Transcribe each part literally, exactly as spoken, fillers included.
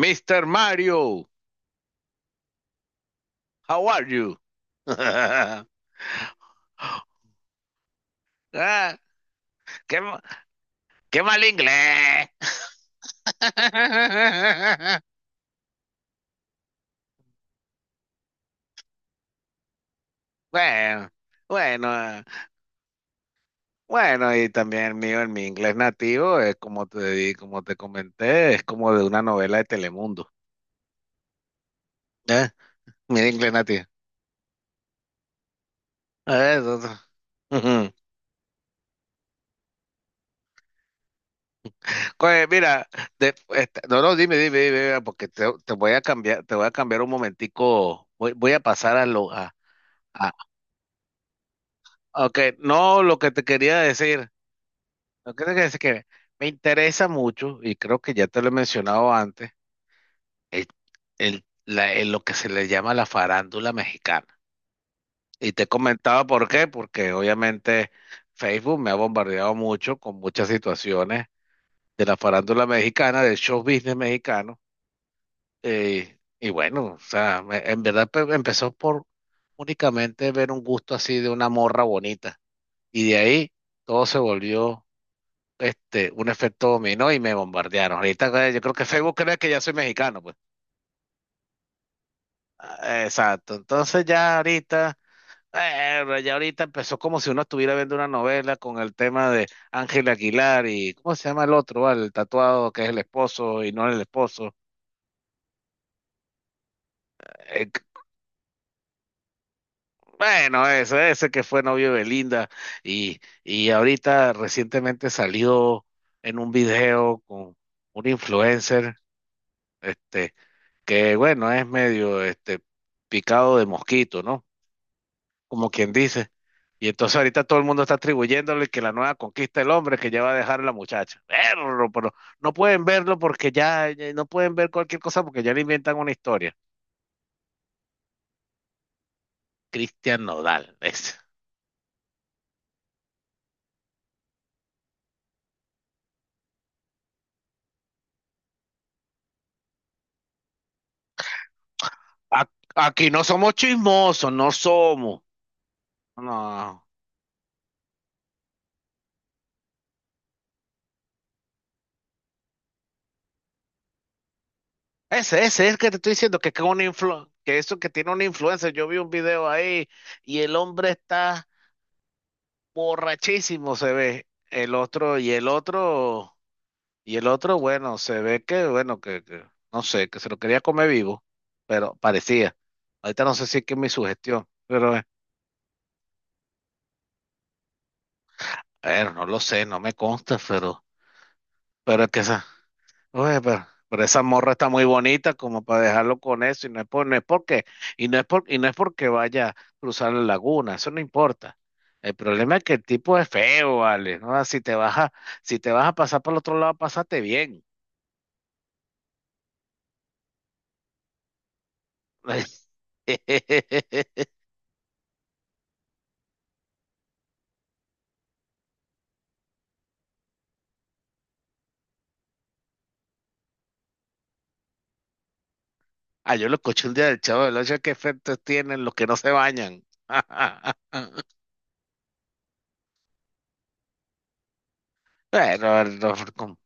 señor Mario, how are you? Ah, qué, qué mal inglés. Bueno, bueno, eh, bueno, y también el mío, el mi inglés nativo, es como te di, como te comenté, es como de una novela de Telemundo. ¿Eh? Mi inglés nativo. Eh, eso, eso. Ujú. Oye, mira, de- este, no, no, dime, dime, dime, porque te, te voy a cambiar, te voy a cambiar un momentico, voy, voy a pasar a lo, a, a, Ok, no, lo que te quería decir, lo que te quería decir que me interesa mucho, y creo que ya te lo he mencionado antes, el, el- la- el- lo que se le llama la farándula mexicana. Y te comentaba por qué, porque obviamente Facebook me ha bombardeado mucho con muchas situaciones de la farándula mexicana, del show business mexicano. eh, y bueno, o sea, me- en verdad pe- empezó por únicamente ver un gusto así de una morra bonita. Y de ahí todo se volvió este, un efecto dominó y me bombardearon. Ahorita eh, yo creo que Facebook cree que ya soy mexicano, pues. Ah, exacto. Entonces ya ahorita, eh, pero ya ahorita empezó como si uno estuviera viendo una novela con el tema de Ángel Aguilar. ¿Y cómo se llama el otro? ¿Vale? El tatuado que es el esposo y no el esposo. Eh, c- bueno, ese ese que fue novio de Belinda y, y ahorita recientemente salió en un video con un influencer. Este, que bueno, es medio este picado de mosquito, ¿no? Como quien dice. Y entonces ahorita todo el mundo está atribuyéndole que la nueva conquista del hombre que ya va a dejar a la muchacha. Perro, pero no pueden verlo porque ya, ya no pueden ver cualquier cosa porque ya le inventan una historia. Cristian Nodal, ese. A- Aquí no somos chismosos, no somos. No. Ese, ese es el que te estoy diciendo que, que, un influ- que eso que tiene una influencia. Yo vi un video ahí y el hombre está borrachísimo, se ve el otro y el otro y el otro, bueno, se ve que, bueno, que, que, no sé, que se lo quería comer vivo, pero parecía. Ahorita no sé si es que es mi sugestión, pero eh, bueno, no lo sé, no me consta, pero, pero es que esa, oye, pero, pero esa morra está muy bonita como para dejarlo con eso, y no es por, no es porque, y no es por, y no es porque vaya a cruzar la laguna, eso no importa. El problema es que el tipo es feo, vale, ¿no? Si te vas a, si te vas a pasar por el otro lado, pásate bien. Ah, yo los cochuldes del Chavo del Ocho, ¿qué efectos tienen los que no se bañan? Bueno, no, com-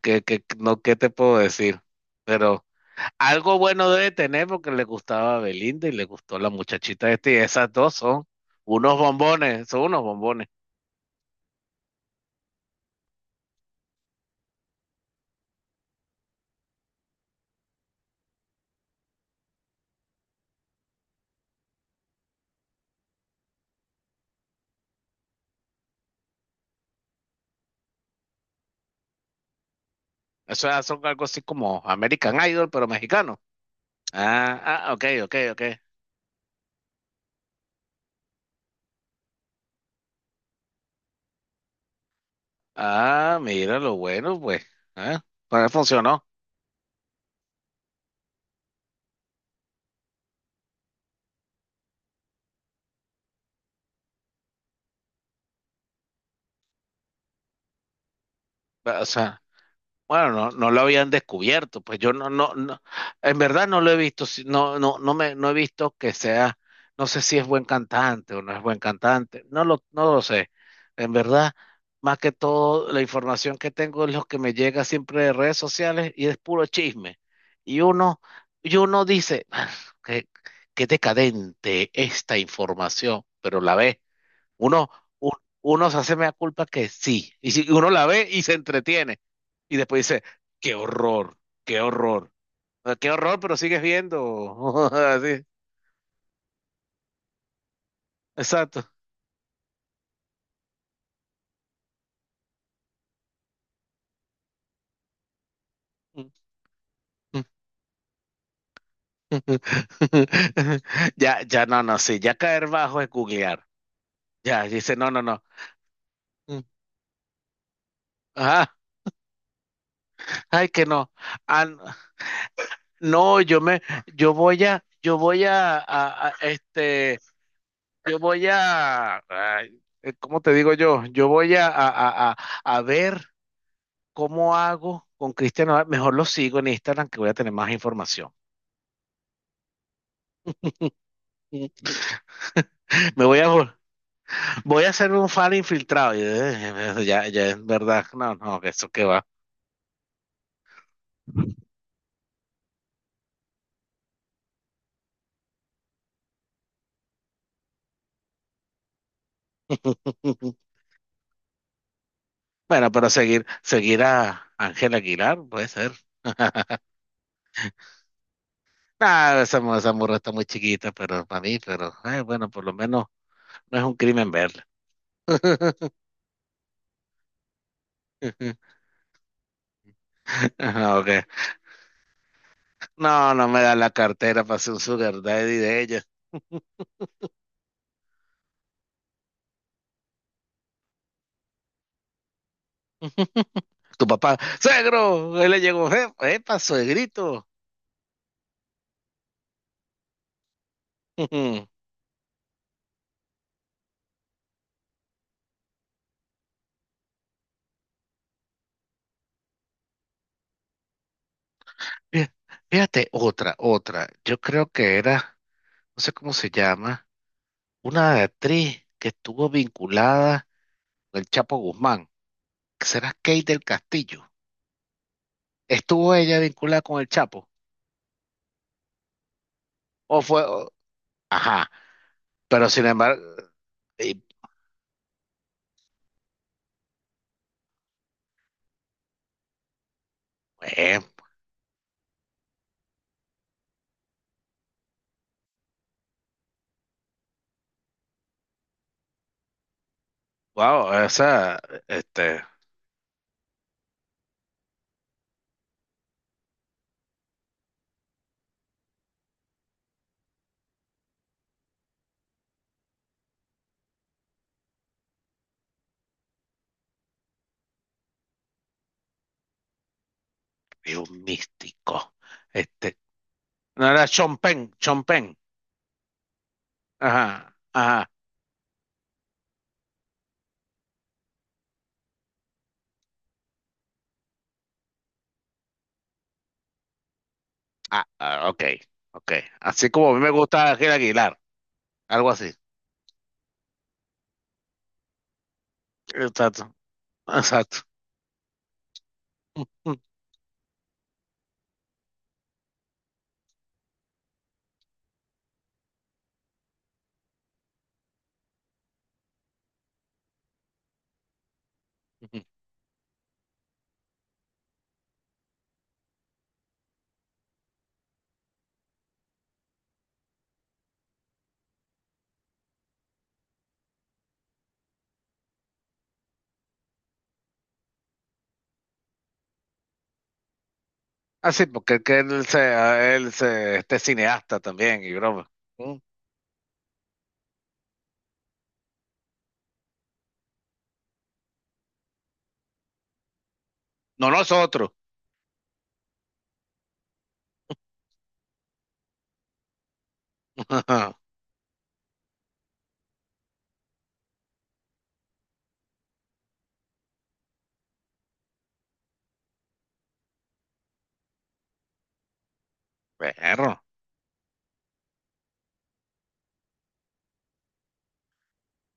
¿qué, qué- no, qué te puedo decir? Pero algo bueno debe tener porque le gustaba a Belinda y le gustó la muchachita esta, y esas dos son unos bombones, son unos bombones. Eso ya son algo así como American Idol, pero mexicano. Ah, ah, ok, ok, ok. Ah, mira lo bueno, pues. Ah, pues funcionó. O sea. Bueno, no, no lo habían descubierto, pues yo no, no, no, en verdad no lo he visto, si- no, no, no me, no he visto que sea, no sé si es buen cantante o no es buen cantante, no lo, no lo sé. En verdad, más que todo, la información que tengo es lo que me llega siempre de redes sociales y es puro chisme. Y uno, y uno dice, "Ah, qué, qué decadente esta información", pero la ves uno, un- uno se hace mea culpa que sí. Y si uno la ve y se entretiene. Y después dice, qué horror, qué horror. Ah, qué horror, pero sigues viendo. Así, exacto. Ya, ya, no, no, sí. Ya caer bajo es googlear. Ya, dice, no, no, no. Mm. Ajá. Ay, que no. Ah, no, yo me, yo voy a, yo voy a, a- a, este. yo voy a, ay, eh, ¿cómo te digo yo? Yo voy a, a, a- a- a ver cómo hago con Cristian Nodal. Mejor lo sigo en Instagram que voy a tener más información. Me voy a, vol- voy a hacer un fan infiltrado. Y, eh, ya, ya es verdad. No, no, que eso que va. Bueno, pero seguir, seguir a Ángel Aguilar, puede ser. Ah, esa, mu- esa morra está muy chiquita, pero para mí, pero eh, bueno, por lo menos no es un crimen verla. Ah, ok. No, no me da la cartera para ser un sugar daddy de ella. Tu papá, suegro, él le llegó, "Eh, epa, suegrito." Fí- Fíjate, otra, otra. Yo creo que era, no sé cómo se llama, una actriz que estuvo vinculada con el Chapo Guzmán. ¿Será Kate del Castillo? ¿Estuvo ella vinculada con el Chapo? ¿O fue? o- Ajá, pero sin embargo, y, eh, wow, esa, este, es un místico. Este, no era Chompen, Chompen. Ajá, ajá. Ah, ah, ok, ok. Así como a mí me gusta Ángel Aguilar, algo así. Exacto, exacto. Ujú, ujú. Ah sí, porque que él se, a él se, este cineasta también y broma. Mm. No nosotros. Perro.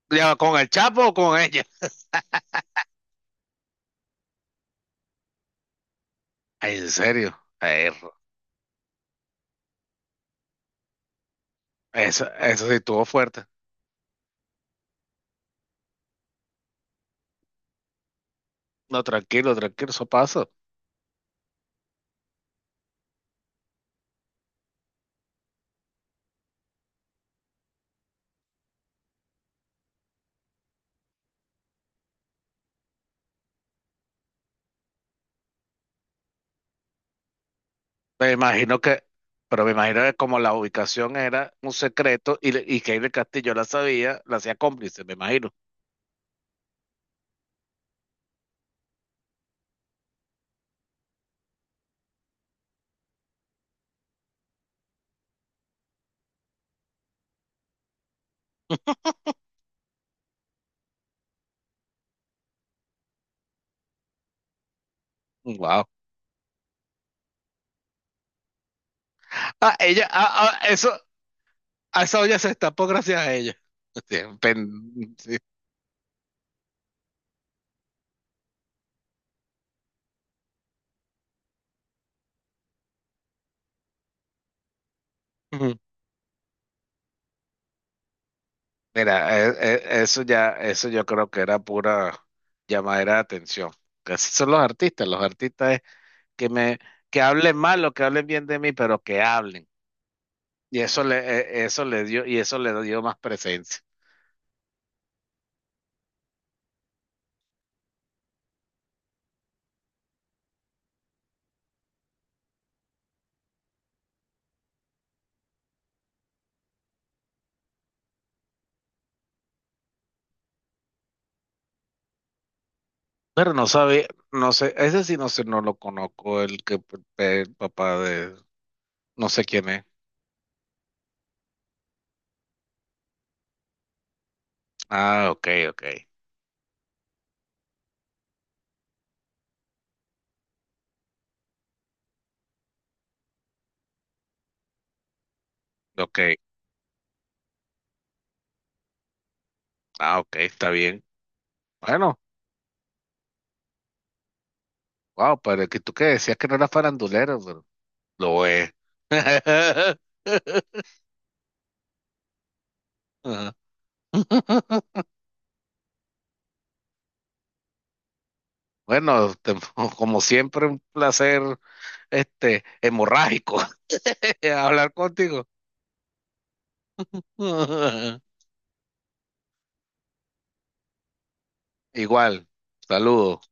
¿Ya con el Chapo o con ella? Ay, en serio. Perro. Eso, eso sí estuvo fuerte. No, tranquilo, tranquilo, eso pasa. Me imagino que, pero me imagino que como la ubicación era un secreto y, le- y que Iker Castillo la sabía, la hacía cómplice, me imagino. Wow. Ah, ella, ah, ah, eso, a esa olla se destapó gracias a ella. Sí, pen- sí. Ujú. Mira, eh, eh, eso ya, eso yo creo que era pura llamadera de atención. Que así son los artistas, los artistas es que me, que hablen mal o que hablen bien de mí, pero que hablen. Y eso le, eh, eso le dio, y eso le dio más presencia. Pero no sabe, no sé, ese sí no sé, no lo conozco, el que p- p- el papá de, no sé quién es. Ah, ok, ok, ok, ah, ok, está bien. Bueno, wow, pero que tú que decías que no era farandulero, pero lo es. Ajá. Bueno, te- como siempre, un placer, este, hemorrágico, hablar contigo. Igual, saludos.